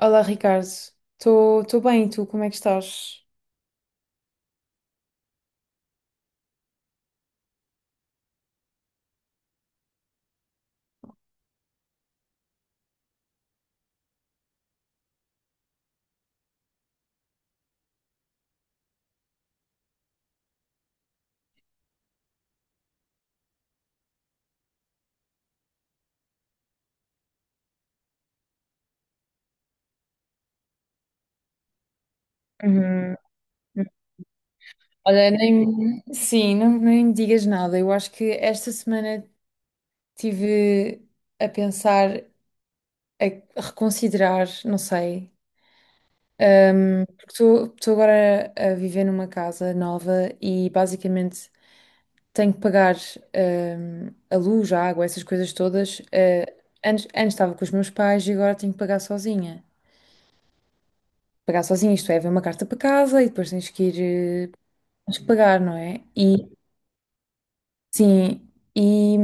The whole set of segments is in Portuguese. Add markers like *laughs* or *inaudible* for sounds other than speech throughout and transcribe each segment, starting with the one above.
Olá, Ricardo. Estou bem, e tu como é que estás? Uhum. Olha, nem, sim, não, nem me digas nada. Eu acho que esta semana tive a pensar, a reconsiderar, não sei. Porque estou agora a viver numa casa nova e basicamente tenho que pagar a luz, a água, essas coisas todas. Antes estava com os meus pais e agora tenho que pagar sozinha. Pagar sozinha, isto é, vem uma carta para casa e depois tens que ir eh, tens que pagar, não é? E sim, e,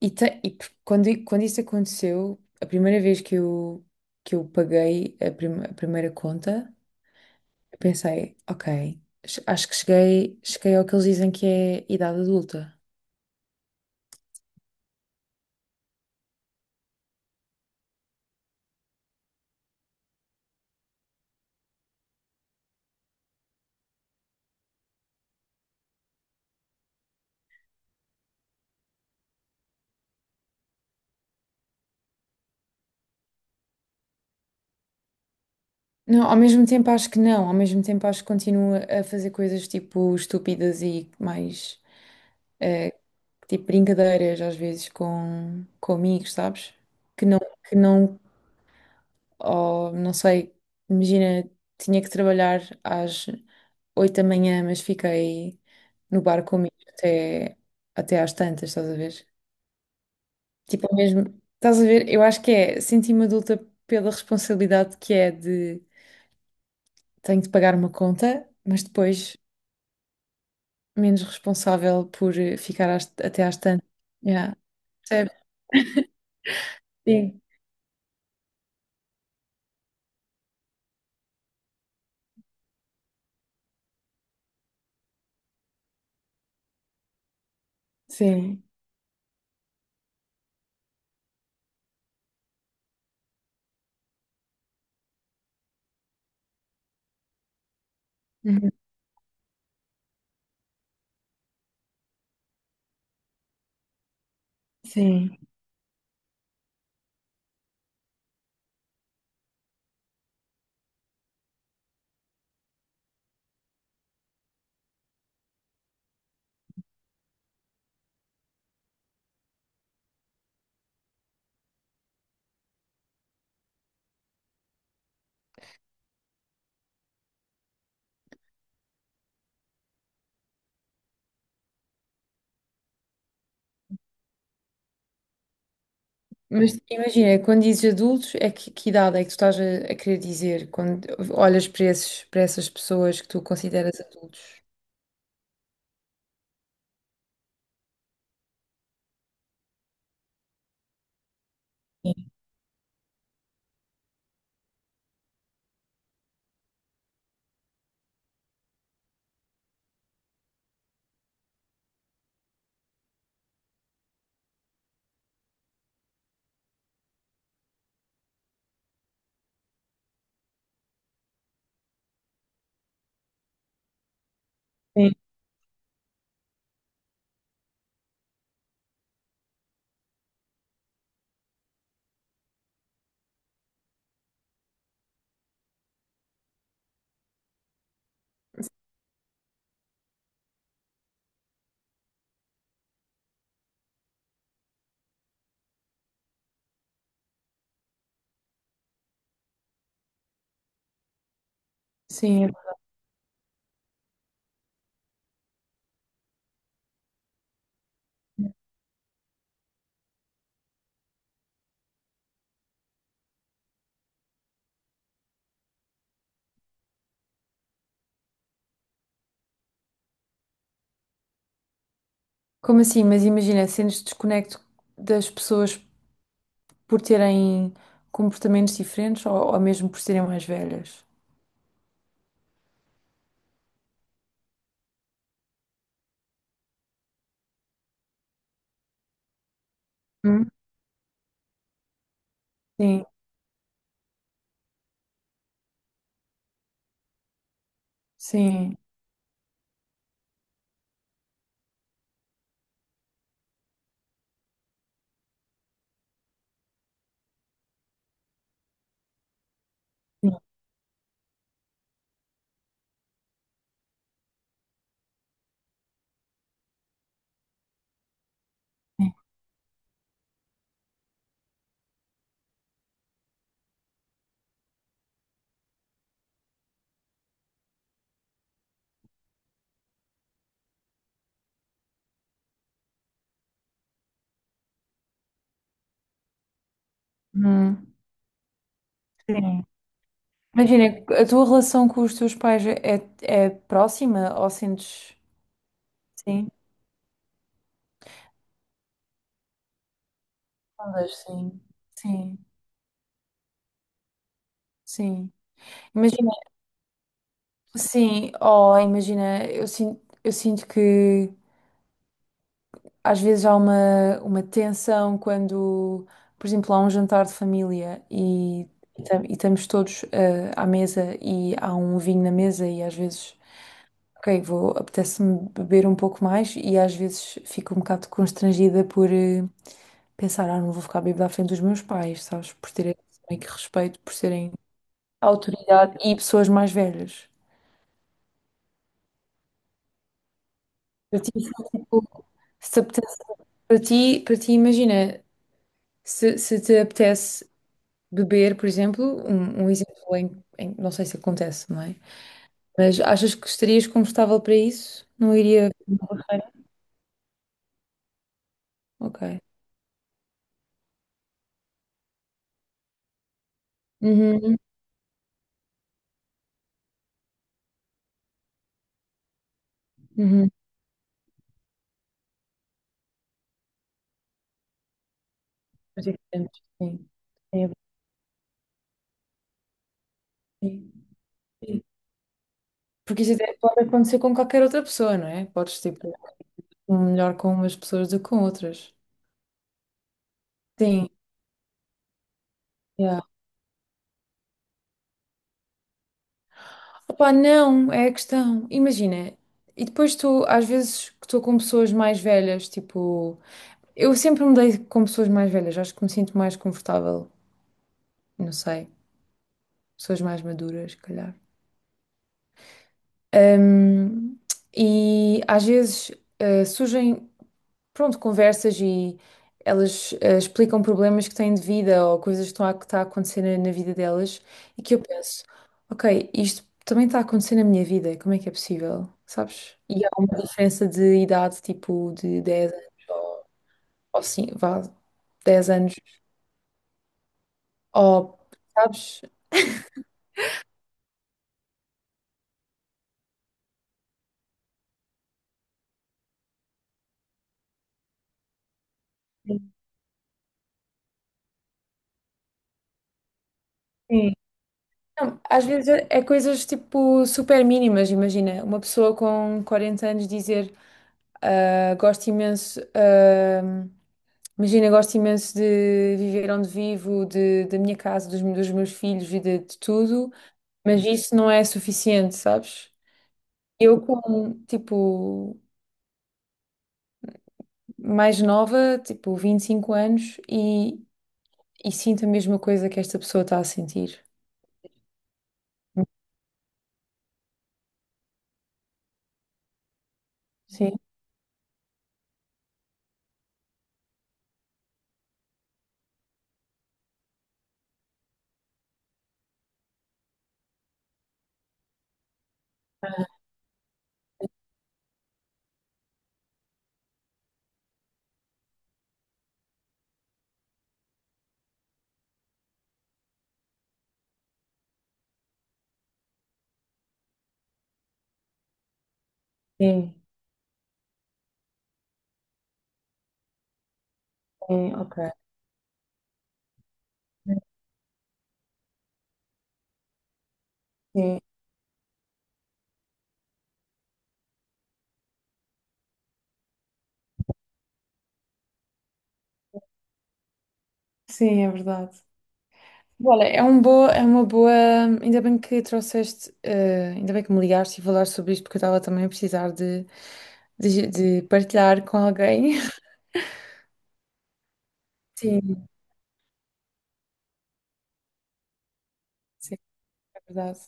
quando, quando isso aconteceu, a primeira vez que eu paguei a, a primeira conta, eu pensei, ok, acho que cheguei, cheguei ao que eles dizem que é idade adulta. Não, ao mesmo tempo acho que não, ao mesmo tempo acho que continuo a fazer coisas tipo estúpidas e mais eh, tipo brincadeiras às vezes com amigos, sabes? Que não, que não. Ou não sei, imagina, tinha que trabalhar às 8 da manhã, mas fiquei no bar comigo até, até às tantas, estás a ver? Tipo, é mesmo, estás a ver? Eu acho que é, senti-me adulta pela responsabilidade que é de tenho de pagar uma conta, mas depois menos responsável por ficar até às tantas. Yeah. Percebe? Sim, sim, uhum, sim. Mas imagina, quando dizes adultos, é que idade é que tu estás a querer dizer quando olhas para esses, para essas pessoas que tu consideras adultos? Sim, sim. Como assim? Mas imagina, sentes desconecto das pessoas por terem comportamentos diferentes ou mesmo por serem mais velhas? Hum, Sim, sim, sim, sim. Hum, sim. Imagina, a tua relação com os teus pais é, é é próxima ou sentes sim, ondas? Sim, sim, sim. Imagina, sim, oh, imagina, eu sinto que às vezes há uma tensão quando, por exemplo, há um jantar de família e e estamos todos à mesa e há um vinho na mesa e às vezes, ok, vou, apetece-me beber um pouco mais e às vezes fico um bocado constrangida por pensar, ah, não vou ficar bêbada à frente dos meus pais, sabes, por terem meio que respeito, por serem autoridade e pessoas mais velhas. Eu tive, tipo, para ti, para ti, imagina, se te apetece beber, por exemplo, um exemplo em, não sei se acontece, não é? Mas achas que estarias confortável para isso? Não iria. Ok. Uhum, uhum. Mas é diferente, sim. É, sim. Sim. Porque isso até pode acontecer com qualquer outra pessoa, não é? Podes, tipo, um melhor com umas pessoas do que com outras. Sim, yeah. Opa, não, é a questão. Imagina, e depois tu, às vezes que estou com pessoas mais velhas, tipo. Eu sempre me dei com pessoas mais velhas, acho que me sinto mais confortável, não sei, pessoas mais maduras, se calhar. Ahm, e às vezes surgem, pronto, conversas e elas explicam problemas que têm de vida ou coisas que estão a, que está a acontecer na, na vida delas e que eu penso, ok, isto também está a acontecer na minha vida, como é que é possível, sabes? E há uma diferença de idade, tipo de 10 anos ou, sim, vá, 10 anos, ou, sabes? Sim. Não, às vezes é é coisas tipo super mínimas, imagina. Uma pessoa com 40 anos dizer ah, gosto imenso, ah, imagina, gosto imenso de viver onde vivo, de, da minha casa, dos, dos meus filhos e de tudo, mas isso não é suficiente, sabes? Eu, como tipo mais nova, tipo 25 anos, e sinto a mesma coisa que esta pessoa está a sentir. Sim, sim, sim, ok. Sim, sim, é verdade. Olha, é um boa, é uma boa. Ainda bem que trouxeste, ainda bem que me ligaste e falar sobre isto, porque eu estava também a precisar de partilhar com alguém. *laughs* Sim, sim, é verdade.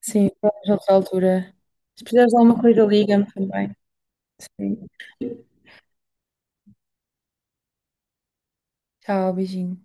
Sim, vamos a outra altura. Se precisares de alguma coisa, liga-me também. Sim. Tchau, beijinho.